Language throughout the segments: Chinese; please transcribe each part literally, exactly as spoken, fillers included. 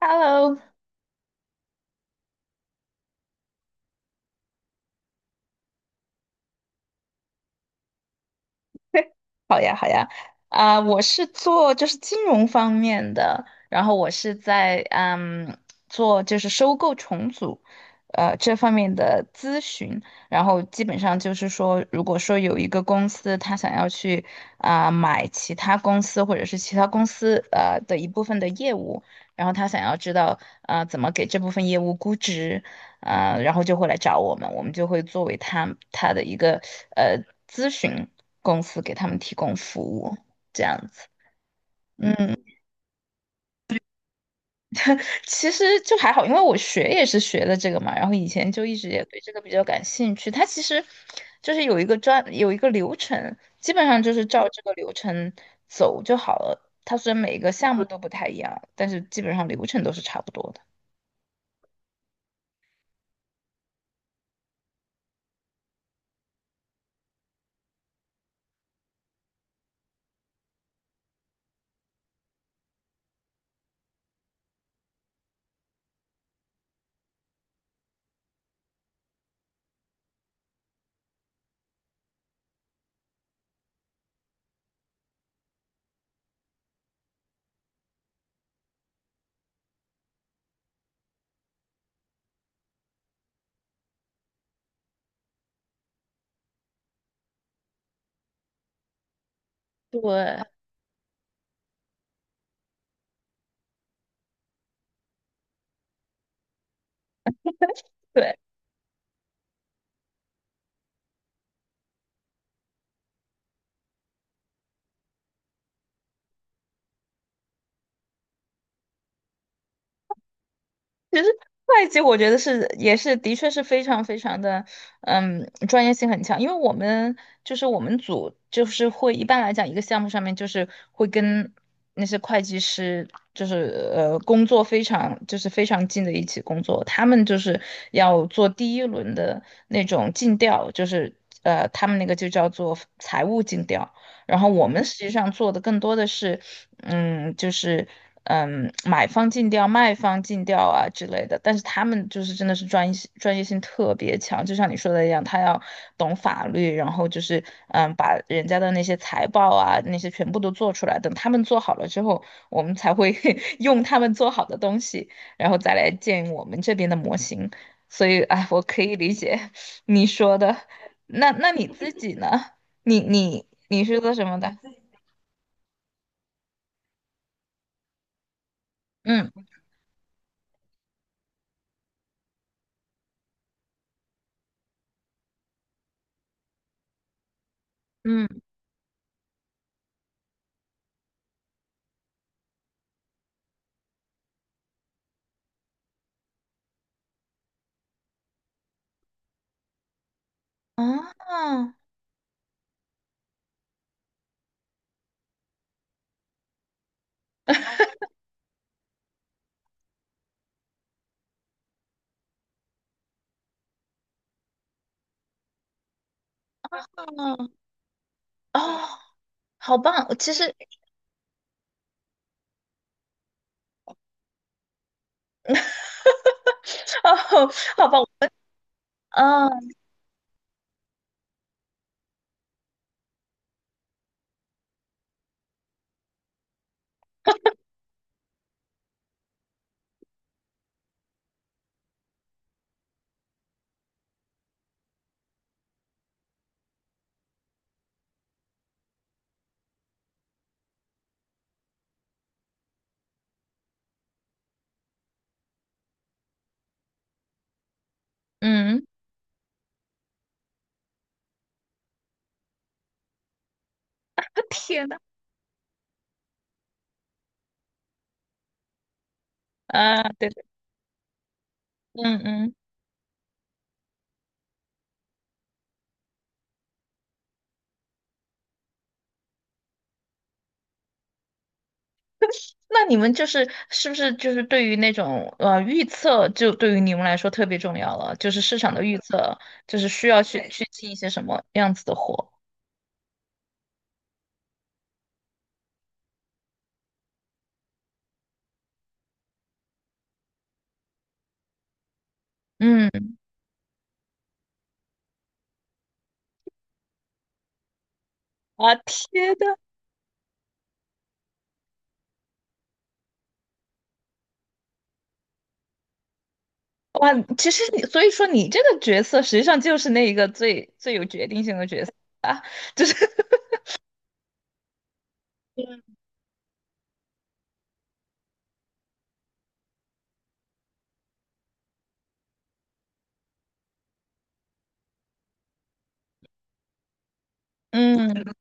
Hello，好呀，好呀，啊、我是做就是金融方面的，然后我是在嗯做就是收购重组，呃这方面的咨询。然后基本上就是说，如果说有一个公司他想要去啊、买其他公司或者是其他公司呃的一部分的业务，然后他想要知道啊、呃怎么给这部分业务估值。啊，然后就会来找我们，我们就会作为他他的一个呃咨询公司给他们提供服务，这样子。嗯，其实就还好，因为我学也是学的这个嘛，然后以前就一直也对这个比较感兴趣。它其实就是有一个专有一个流程，基本上就是照这个流程走就好了。它虽然每一个项目都不太一样，但是基本上流程都是差不多的。对，对。其实会计我觉得是也是的确是非常非常的，嗯，专业性很强。因为我们就是我们组就是会一般来讲一个项目上面就是会跟那些会计师就是呃工作非常就是非常近的一起工作，他们就是要做第一轮的那种尽调，就是呃他们那个就叫做财务尽调。然后我们实际上做的更多的是，嗯，就是嗯，买方尽调、卖方尽调啊之类的。但是他们就是真的是专业性专业性特别强，就像你说的一样，他要懂法律，然后就是嗯，把人家的那些财报啊那些全部都做出来。等他们做好了之后，我们才会 用他们做好的东西，然后再来建我们这边的模型。所以，哎，我可以理解 你说的。那那你自己呢？你你你是做什么的？嗯嗯，啊啊，哦，好棒！其实 哦，好棒啊，嗯，天呐，啊，对对，嗯嗯。那你们就是是不是就是对于那种呃预测，就对于你们来说特别重要了？就是市场的预测，就是需要去去进一些什么样子的货？嗯，啊，天呐，哇，其实你，所以说你这个角色实际上就是那一个最最有决定性的角色啊，就是，嗯，嗯，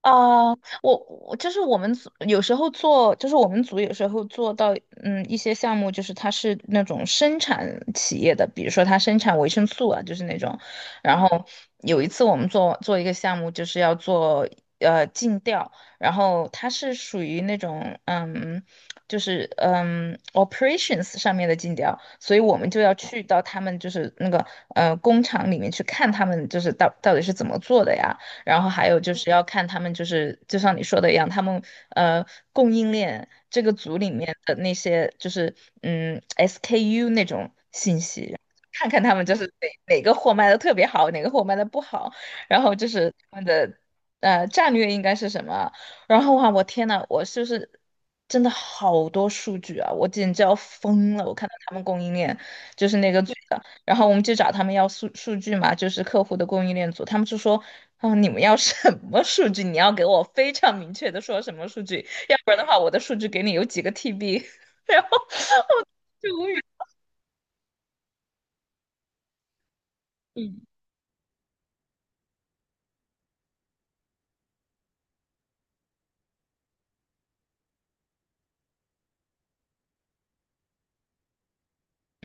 啊，我我就是我们组有时候做，就是我们组有时候做到，嗯，一些项目就是它是那种生产企业的，比如说它生产维生素啊，就是那种。然后有一次我们做做一个项目，就是要做呃尽调，然后它是属于那种嗯，就是嗯 operations 上面的尽调，所以我们就要去到他们就是那个呃工厂里面去看他们就是到到底是怎么做的呀。然后还有就是要看他们，就是就像你说的一样，他们呃供应链这个组里面的那些就是嗯 S K U 那种信息，看看他们就是哪哪个货卖的特别好，哪个货卖的不好，然后就是他们的呃战略应该是什么。然后啊，我天呐，我就是真的好多数据啊，我简直要疯了！我看到他们供应链就是那个。组的。然后我们就找他们要数数据嘛，就是客户的供应链组，他们就说，啊，你们要什么数据？你要给我非常明确的说什么数据，要不然的话，我的数据给你有几个 T B,然后我就无语。嗯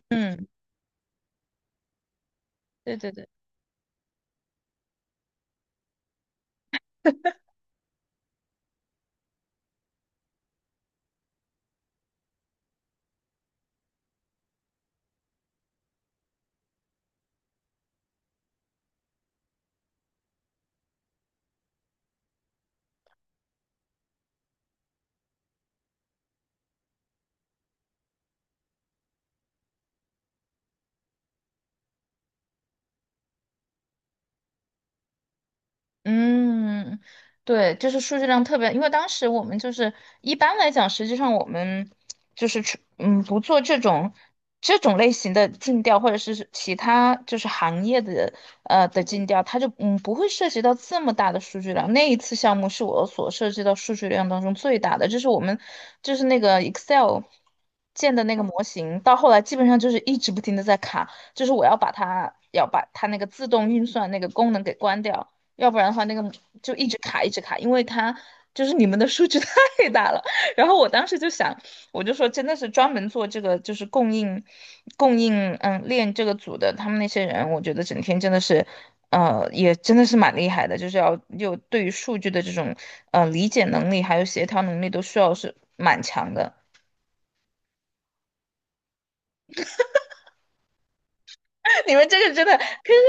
嗯，对对对。嗯，对，就是数据量特别，因为当时我们就是一般来讲，实际上我们就是去嗯不做这种这种类型的尽调，或者是其他就是行业的呃的尽调，它就嗯不会涉及到这么大的数据量。那一次项目是我所涉及到数据量当中最大的，就是我们就是那个 Excel 建的那个模型，到后来基本上就是一直不停的在卡，就是我要把它要把它那个自动运算那个功能给关掉。要不然的话那个就一直卡一直卡，因为他就是你们的数据 太大了。然后我当时就想，我就说真的是专门做这个就是供应供应嗯链这个组的他们那些人，我觉得整天真的是。呃，也真的是蛮厉害的，就是要有对于数据的这种呃理解能力，还有协调能力，都需要是蛮强的。你们这个真的，可是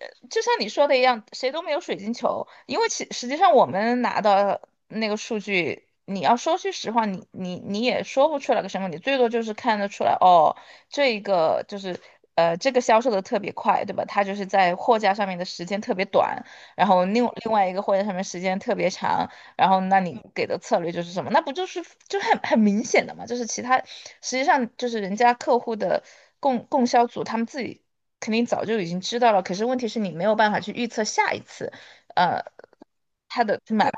呃就像你说的一样，谁都没有水晶球，因为其实际上我们拿到那个数据，你要说句实话，你你你也说不出来个什么，你最多就是看得出来，哦，这个就是呃这个销售的特别快，对吧？它就是在货架上面的时间特别短，然后另另外一个货架上面时间特别长，然后那你给的策略就是什么？那不就是就很很明显的嘛？就是其他实际上就是人家客户的供供销组他们自己肯定早就已经知道了。可是问题是你没有办法去预测下一次，呃，他的买卖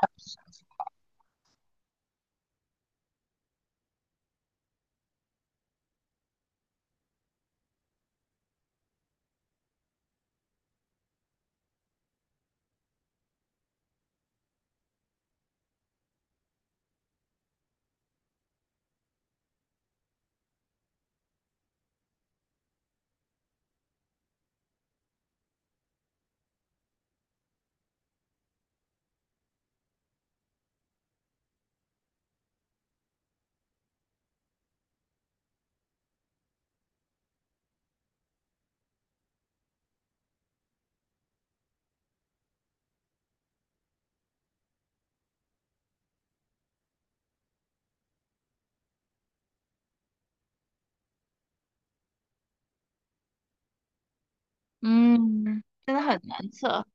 嗯，真的很难测。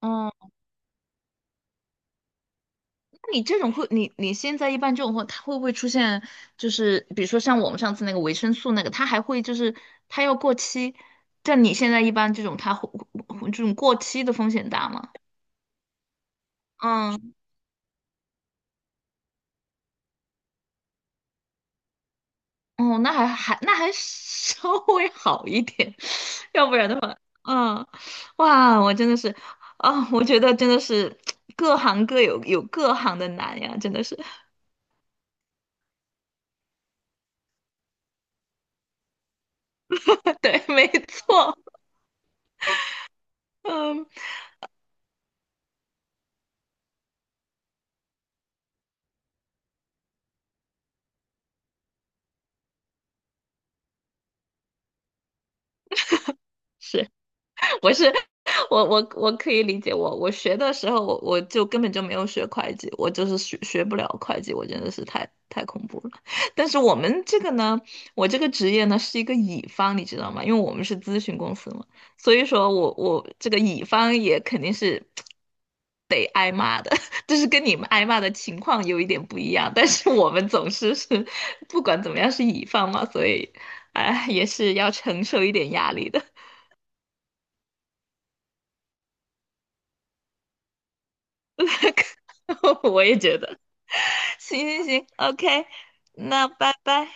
嗯，那你这种会，你你现在一般这种会，它会不会出现，就是比如说像我们上次那个维生素那个，它还会就是它要过期，但你现在一般这种它会这种过期的风险大吗？嗯。哦，那还还那还 稍微好一点，要不然的话，嗯，哇，我真的是，啊、我觉得真的是各行各有有各行的难呀，真的是，对，没错，嗯。是。不是，我我我可以理解我，我学的时候我我就根本就没有学会计，我就是学学不了会计，我真的是太太恐怖了。但是我们这个呢，我这个职业呢是一个乙方，你知道吗？因为我们是咨询公司嘛，所以说我我这个乙方也肯定是得挨骂的，就是跟你们挨骂的情况有一点不一样，但是我们总是是不管怎么样是乙方嘛，所以哎也是要承受一点压力的。我也觉得。行行行，OK,那拜拜。